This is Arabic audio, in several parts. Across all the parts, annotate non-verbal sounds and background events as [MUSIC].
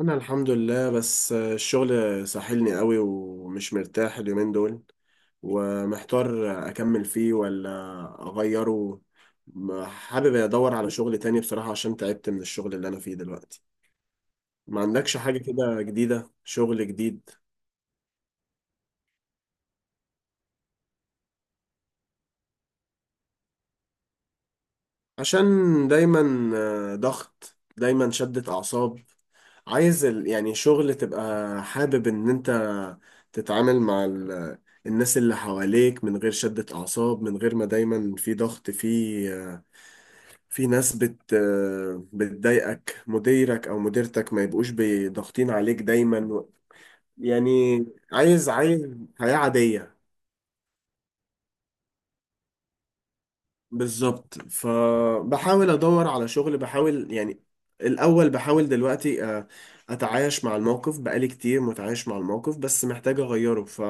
انا الحمد لله، بس الشغل ساحلني قوي ومش مرتاح اليومين دول، ومحتار اكمل فيه ولا اغيره. حابب ادور على شغل تاني بصراحة عشان تعبت من الشغل اللي انا فيه دلوقتي. ما عندكش حاجة كده جديدة، شغل جديد؟ عشان دايما ضغط، دايما شدة اعصاب. عايز يعني شغل تبقى حابب ان انت تتعامل مع الناس اللي حواليك من غير شدة اعصاب، من غير ما دايما في ضغط، في ناس بتضايقك، مديرك او مديرتك ما يبقوش ضاغطين عليك دايما، يعني عايز حياة عادية. بالظبط، فبحاول ادور على شغل، بحاول يعني الاول، بحاول دلوقتي اتعايش مع الموقف، بقالي كتير متعايش مع الموقف بس محتاج اغيره.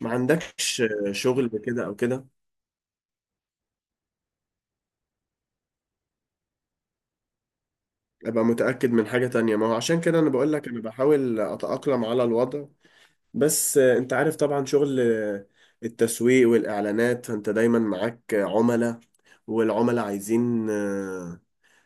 ما عندكش شغل كده او كده؟ ابقى متأكد من حاجة تانية، ما هو عشان كده انا بقول لك انا بحاول اتأقلم على الوضع. بس انت عارف طبعا شغل التسويق والاعلانات، فانت دايما معاك عملاء، والعملاء عايزين آه،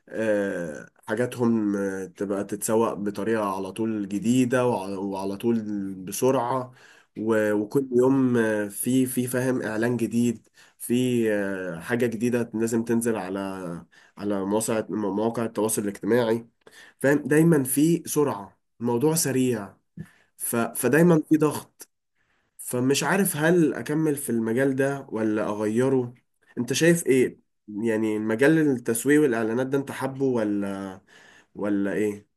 آه، حاجاتهم تبقى تتسوق بطريقة على طول جديدة، وعلى طول بسرعة، وكل يوم في فاهم إعلان جديد، في حاجة جديدة لازم تنزل على مواقع التواصل الاجتماعي. فاهم، دايما في سرعة، الموضوع سريع، فدايما في ضغط. فمش عارف هل أكمل في المجال ده ولا أغيره؟ أنت شايف إيه؟ يعني المجال، التسويق والإعلانات ده، أنت حابه ولا ايه؟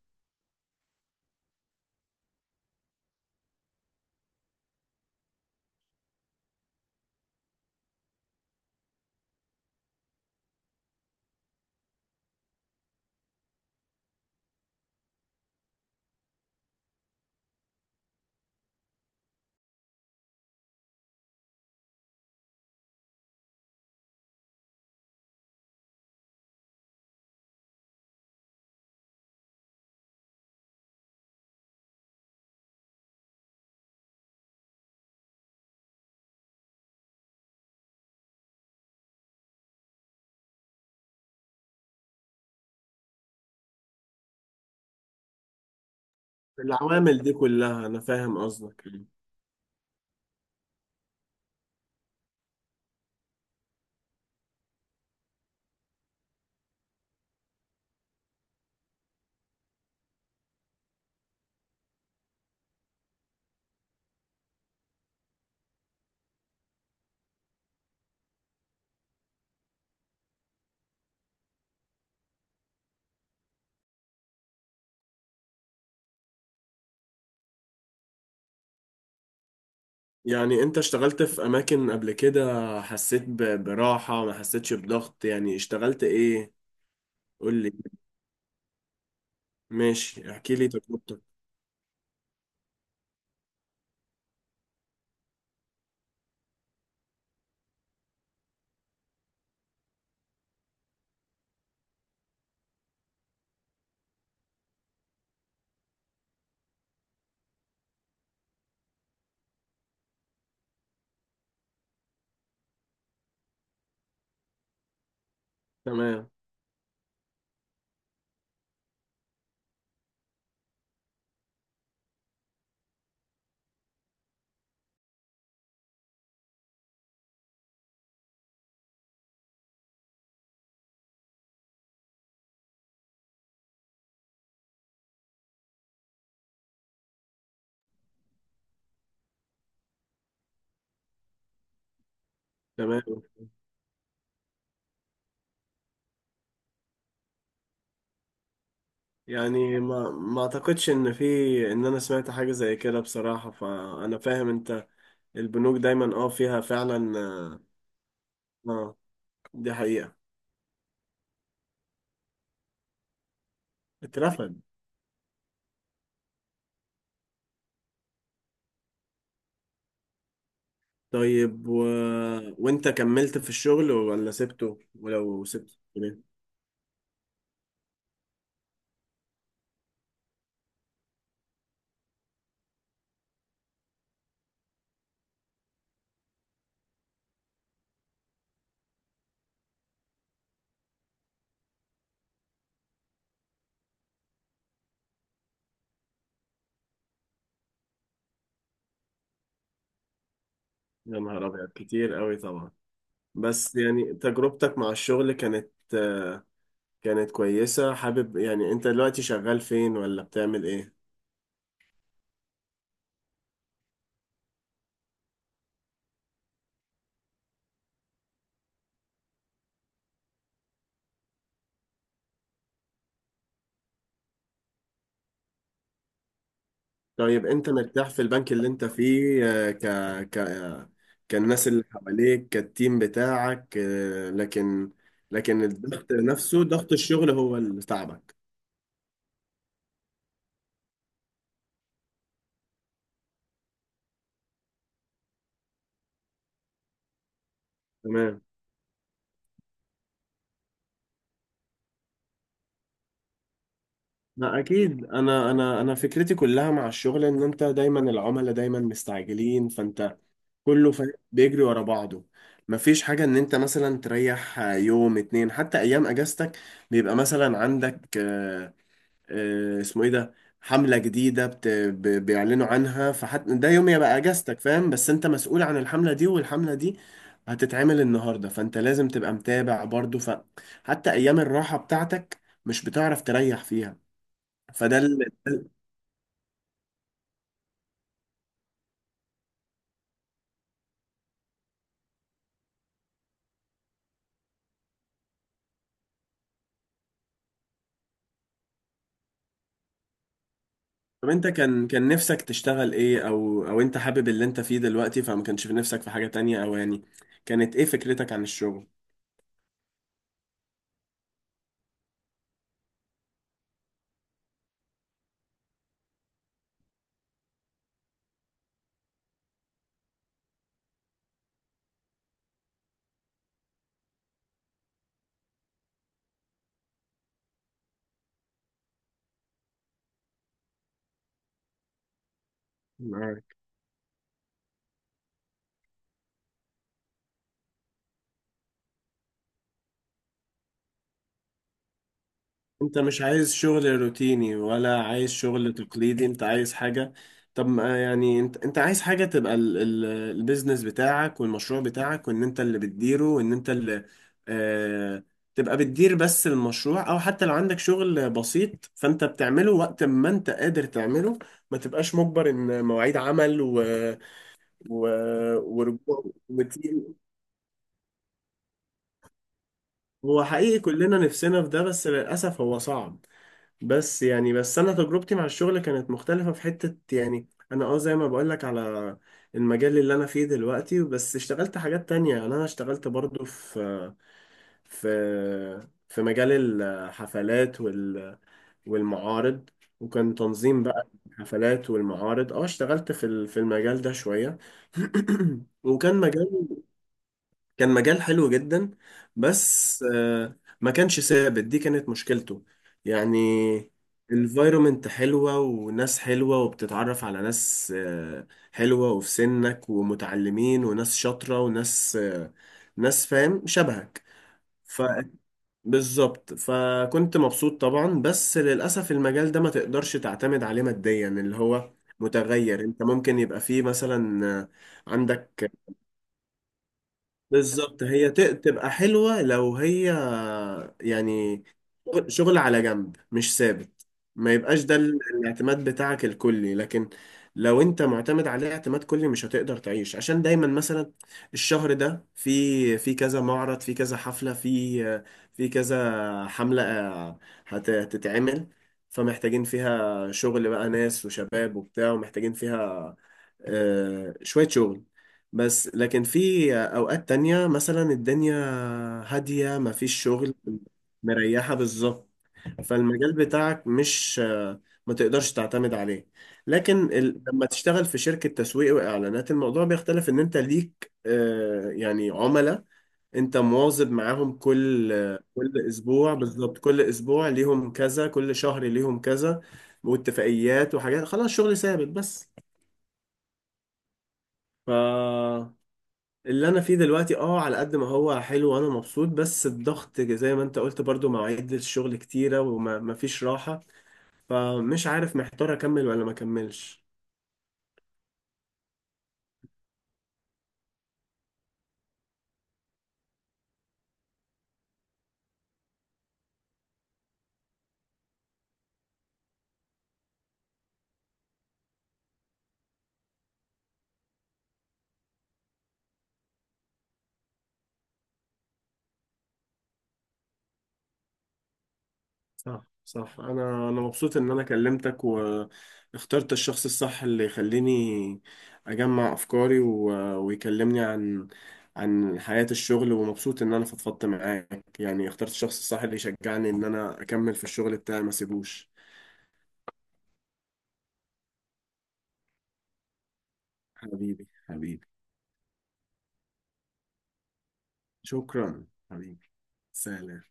العوامل دي كلها انا فاهم قصدك. يعني انت اشتغلت في اماكن قبل كده حسيت براحة، ما حسيتش بضغط؟ يعني اشتغلت ايه؟ قول لي، ماشي احكي لي تجربتك. تمام. تمام. يعني ما اعتقدش ان في، ان انا سمعت حاجة زي كده بصراحة، فانا فاهم انت، البنوك دايما اه فيها فعلا اه آه، دي حقيقة. اترفد؟ طيب وانت كملت في الشغل ولا سبته؟ ولو سبته؟ يا نهار أبيض، كتير قوي طبعا. بس يعني تجربتك مع الشغل كانت كانت كويسة، حابب يعني. أنت دلوقتي شغال فين ولا بتعمل إيه؟ طيب أنت مرتاح في البنك اللي أنت فيه ك ك آه، كالناس اللي حواليك، كالتيم بتاعك لكن، لكن الضغط نفسه، ضغط الشغل هو اللي تعبك. تمام. لا اكيد، انا فكرتي كلها مع الشغل ان انت دايما، العملاء دايما مستعجلين، فانت كله فاهم بيجري ورا بعضه، مفيش حاجة ان انت مثلا تريح يوم اتنين. حتى ايام اجازتك بيبقى مثلا عندك اسمه ايه ده، حملة جديدة بيعلنوا عنها، فحتى ده يوم يبقى اجازتك فاهم، بس انت مسؤول عن الحملة دي، والحملة دي هتتعمل النهاردة، فانت لازم تبقى متابع برضو، فحتى ايام الراحة بتاعتك مش بتعرف تريح فيها. فده ال- ده طب انت كان نفسك تشتغل ايه، او انت حابب اللي انت فيه دلوقتي فما كانش في نفسك في حاجة تانية؟ او يعني كانت ايه فكرتك عن الشغل؟ معاك. انت مش عايز شغل روتيني، ولا عايز شغل تقليدي، انت عايز حاجة. طب ما يعني انت عايز حاجة تبقى البيزنس بتاعك والمشروع بتاعك، وان انت اللي بتديره، وان انت اللي آه... تبقى بتدير بس المشروع، او حتى لو عندك شغل بسيط فانت بتعمله وقت ما انت قادر تعمله، ما تبقاش مجبر ان مواعيد عمل و... ورجوع وتقيل. هو حقيقي كلنا نفسنا في ده، بس للأسف هو صعب. بس يعني، بس أنا تجربتي مع الشغل كانت مختلفة في حتة، يعني أنا أه زي ما بقولك على المجال اللي أنا فيه دلوقتي، بس اشتغلت حاجات تانية، يعني أنا اشتغلت برضو في في مجال الحفلات والمعارض، وكان تنظيم بقى الحفلات والمعارض. اه اشتغلت في المجال ده شوية. [CLEARS THROAT] وكان مجال كان مجال حلو جدا، بس ما كانش ثابت، دي كانت مشكلته. يعني الفايرومنت حلوة، وناس حلوة، وبتتعرف على ناس حلوة، وفي سنك ومتعلمين، وناس شاطرة، وناس ناس فاهم شبهك. ف بالظبط، فكنت مبسوط طبعا، بس للأسف المجال ده ما تقدرش تعتمد عليه ماديا، اللي هو متغير. انت ممكن يبقى فيه مثلا عندك، بالظبط هي تبقى حلوة لو هي يعني شغل على جنب مش ثابت، ما يبقاش ده الاعتماد بتاعك الكلي، لكن لو انت معتمد عليه اعتماد كلي مش هتقدر تعيش، عشان دايما مثلا الشهر ده في في كذا معرض، في كذا حفلة، في في كذا حملة هتتعمل، فمحتاجين فيها شغل بقى، ناس وشباب وبتاع، ومحتاجين فيها شوية شغل. بس لكن في أوقات تانية مثلا الدنيا هادية مفيش شغل، مريحة بالظبط. فالمجال بتاعك مش ما تقدرش تعتمد عليه. لكن لما تشتغل في شركة تسويق وإعلانات الموضوع بيختلف، إن أنت ليك يعني عملاء أنت مواظب معاهم كل كل أسبوع، بالظبط كل أسبوع ليهم كذا، كل شهر ليهم كذا، واتفاقيات وحاجات، خلاص شغل ثابت. بس ف اللي انا فيه دلوقتي اه على قد ما هو حلو وانا مبسوط، بس الضغط زي ما انت قلت برضو مواعيد الشغل كتيرة وما فيش راحة، فمش عارف محتار اكمل ولا ما اكملش. صح صح، انا انا مبسوط ان انا كلمتك واخترت الشخص الصح، اللي يخليني اجمع افكاري ويكلمني عن عن حياة الشغل، ومبسوط ان انا فضفضت معاك، يعني اخترت الشخص الصح اللي يشجعني ان انا اكمل في الشغل بتاعي ما اسيبوش. حبيبي، حبيبي، شكرا، حبيبي، سلام.